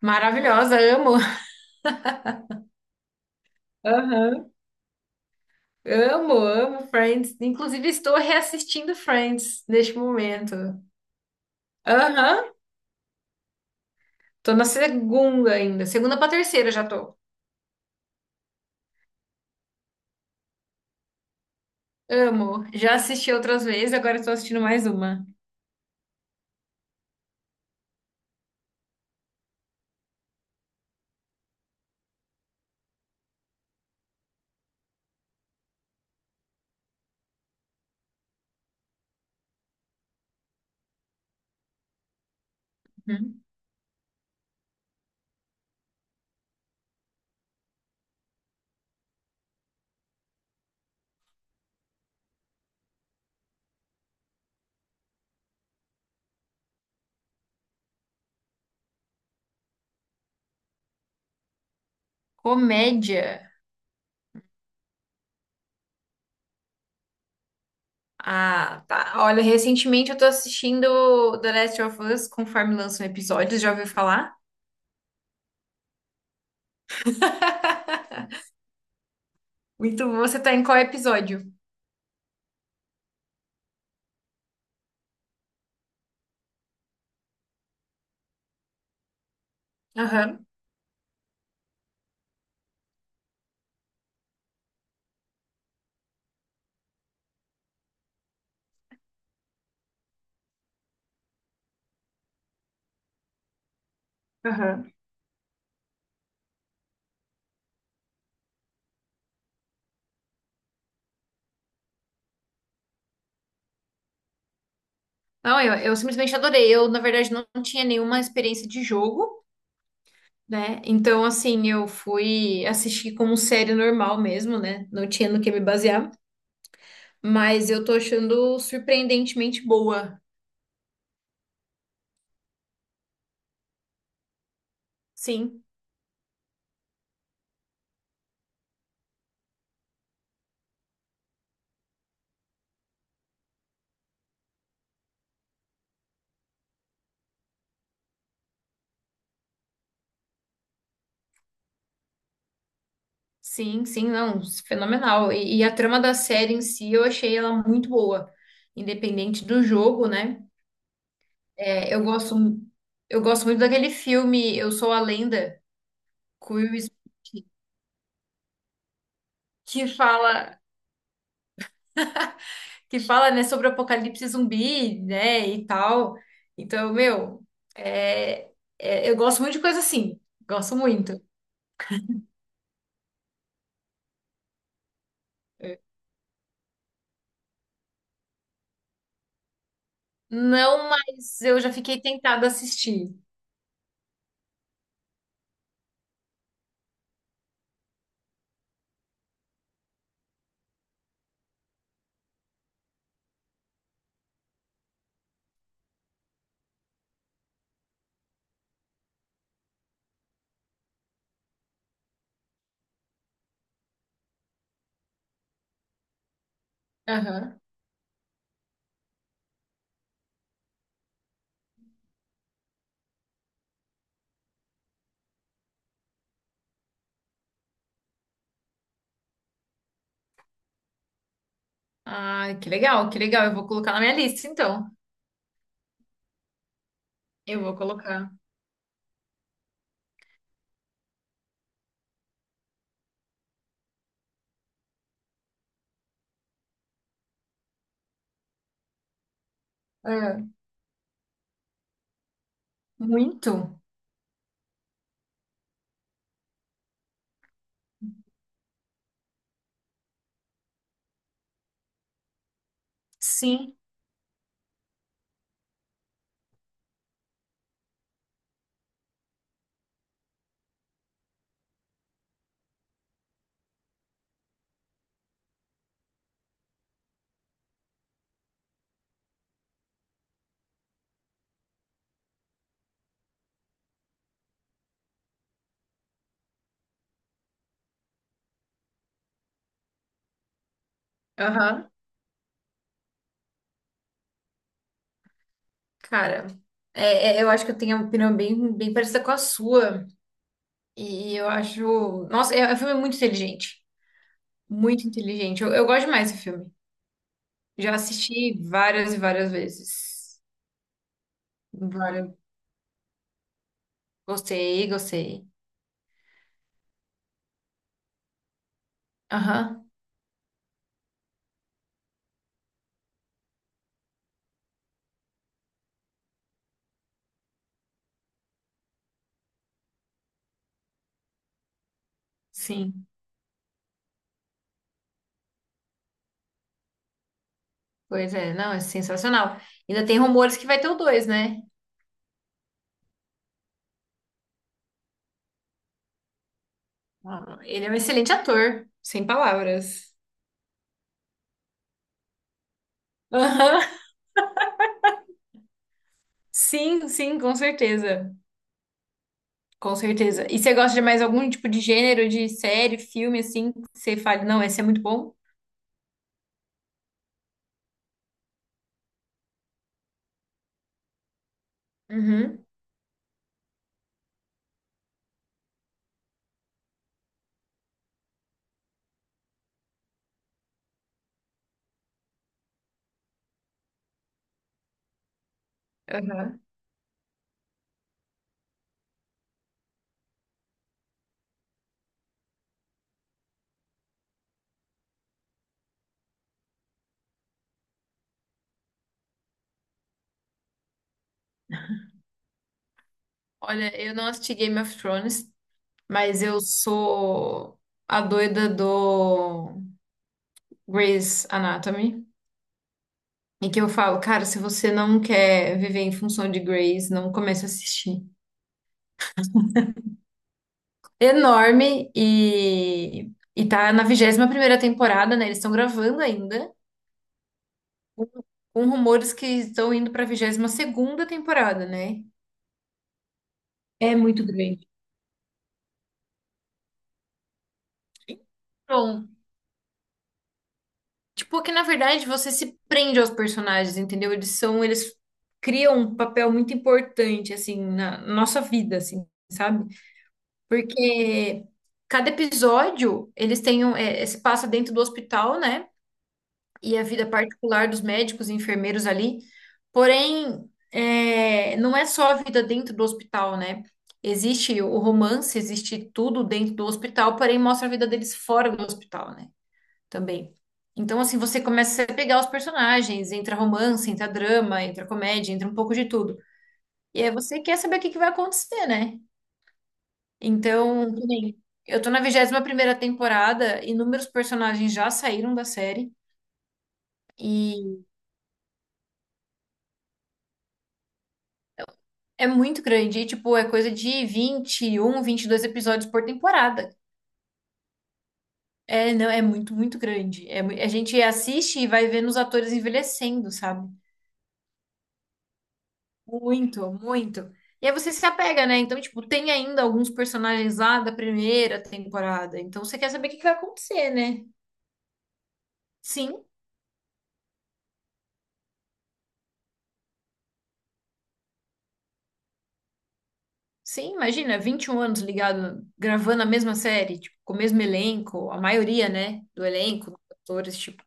Maravilhosa, amo. Aham. Amo, amo Friends. Inclusive, estou reassistindo Friends neste momento. Aham. Tô na segunda ainda. Segunda pra terceira já tô. Amo. Já assisti outras vezes, agora estou assistindo mais uma. Uhum. Comédia. Ah, tá. Olha, recentemente eu tô assistindo The Last of Us, conforme lançam episódios, já ouviu falar? Muito bom. Você tá em qual episódio? Aham. Aham. Não, eu simplesmente adorei. Eu, na verdade, não tinha nenhuma experiência de jogo, né? Então, assim, eu fui assistir como série normal mesmo, né? Não tinha no que me basear. Mas eu tô achando surpreendentemente boa. Sim, sim, sim, não. Fenomenal. E a trama da série em si, eu achei ela muito boa. Independente do jogo, né? É, eu gosto muito daquele filme Eu Sou a Lenda, com o Will Smith, que fala. que fala, né, sobre o apocalipse zumbi, né, e tal. Então, meu, é, eu gosto muito de coisa assim. Gosto muito. Não, mas eu já fiquei tentada a assistir. Aham. Ah, que legal, que legal. Eu vou colocar na minha lista, então. Eu vou colocar. É. Muito? Sim. Aham. Cara, eu acho que eu tenho uma opinião bem, bem parecida com a sua. E eu acho. Nossa, é um filme muito inteligente. Muito inteligente. Eu gosto demais desse filme. Já assisti várias e várias vezes. Várias. Gostei, gostei. Aham, sim. Pois é, não, é sensacional. Ainda tem rumores que vai ter o dois, né? Ah, ele é um excelente ator, sem palavras. Aham. Sim, sim, com certeza. Com certeza. E você gosta de mais algum tipo de gênero, de série, filme, assim, que você fale, não, esse é muito bom? Uhum. Aham. Olha, eu não assisti Game of Thrones, mas eu sou a doida do Grey's Anatomy. E que eu falo, cara, se você não quer viver em função de Grey's, não comece a assistir. Enorme e tá na 21ª temporada, né? Eles estão gravando ainda, com com rumores que estão indo pra 22ª temporada, né? É muito grande. Então, tipo que na verdade você se prende aos personagens, entendeu? Eles criam um papel muito importante, assim, na nossa vida, assim, sabe? Porque cada episódio, eles têm se passa dentro do hospital, né? E a vida particular dos médicos e enfermeiros ali. Porém, não é só a vida dentro do hospital, né? Existe o romance, existe tudo dentro do hospital, porém mostra a vida deles fora do hospital, né? Também. Então, assim, você começa a pegar os personagens, entra romance, entra drama, entra comédia, entra um pouco de tudo. E aí você quer saber o que que vai acontecer, né? Então, que nem- eu tô na 21ª temporada, inúmeros personagens já saíram da série e é muito grande, e, tipo, é coisa de 20 21, 22 episódios por temporada. É, não, é muito, muito grande. A gente assiste e vai vendo os atores envelhecendo, sabe? Muito, muito. E aí você se apega, né? Então, tipo, tem ainda alguns personagens lá da primeira temporada. Então, você quer saber o que que vai acontecer, né? Sim, sim, imagina, 21 anos ligado, gravando a mesma série, tipo, com o mesmo elenco, a maioria, né, do elenco, dos atores, tipo.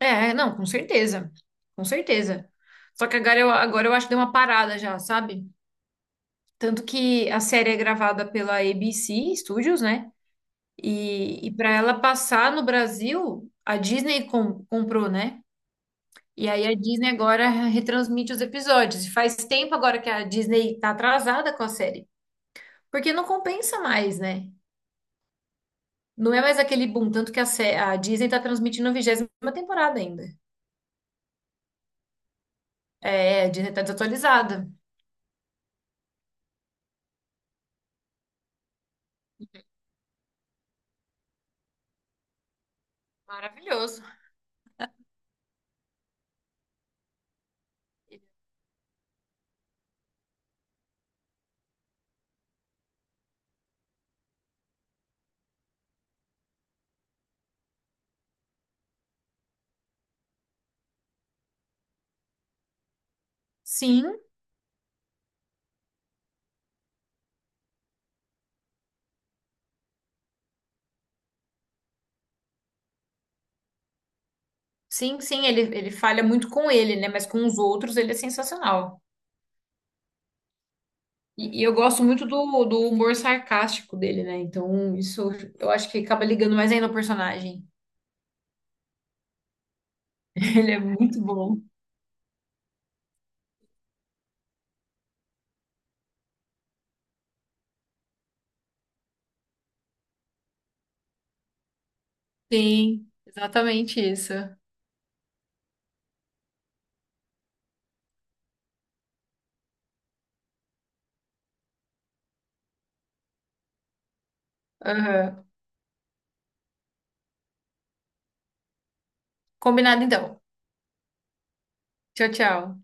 É, não, com certeza. Com certeza. Só que agora eu acho que deu uma parada já, sabe? Tanto que a série é gravada pela ABC Studios, né? E para ela passar no Brasil, a Disney comprou, né? E aí a Disney agora retransmite os episódios. E faz tempo agora que a Disney tá atrasada com a série. Porque não compensa mais, né? Não é mais aquele boom, tanto que a Disney tá transmitindo a 20ª temporada ainda. É, a Disney tá desatualizada. Maravilhoso. Sim, sim, sim, ele falha muito com ele, né? Mas com os outros ele é sensacional. E eu gosto muito do humor sarcástico dele, né? Então, isso eu acho que acaba ligando mais ainda ao personagem. Ele é muito bom. Sim, exatamente isso. Aham. Combinado então. Tchau, tchau.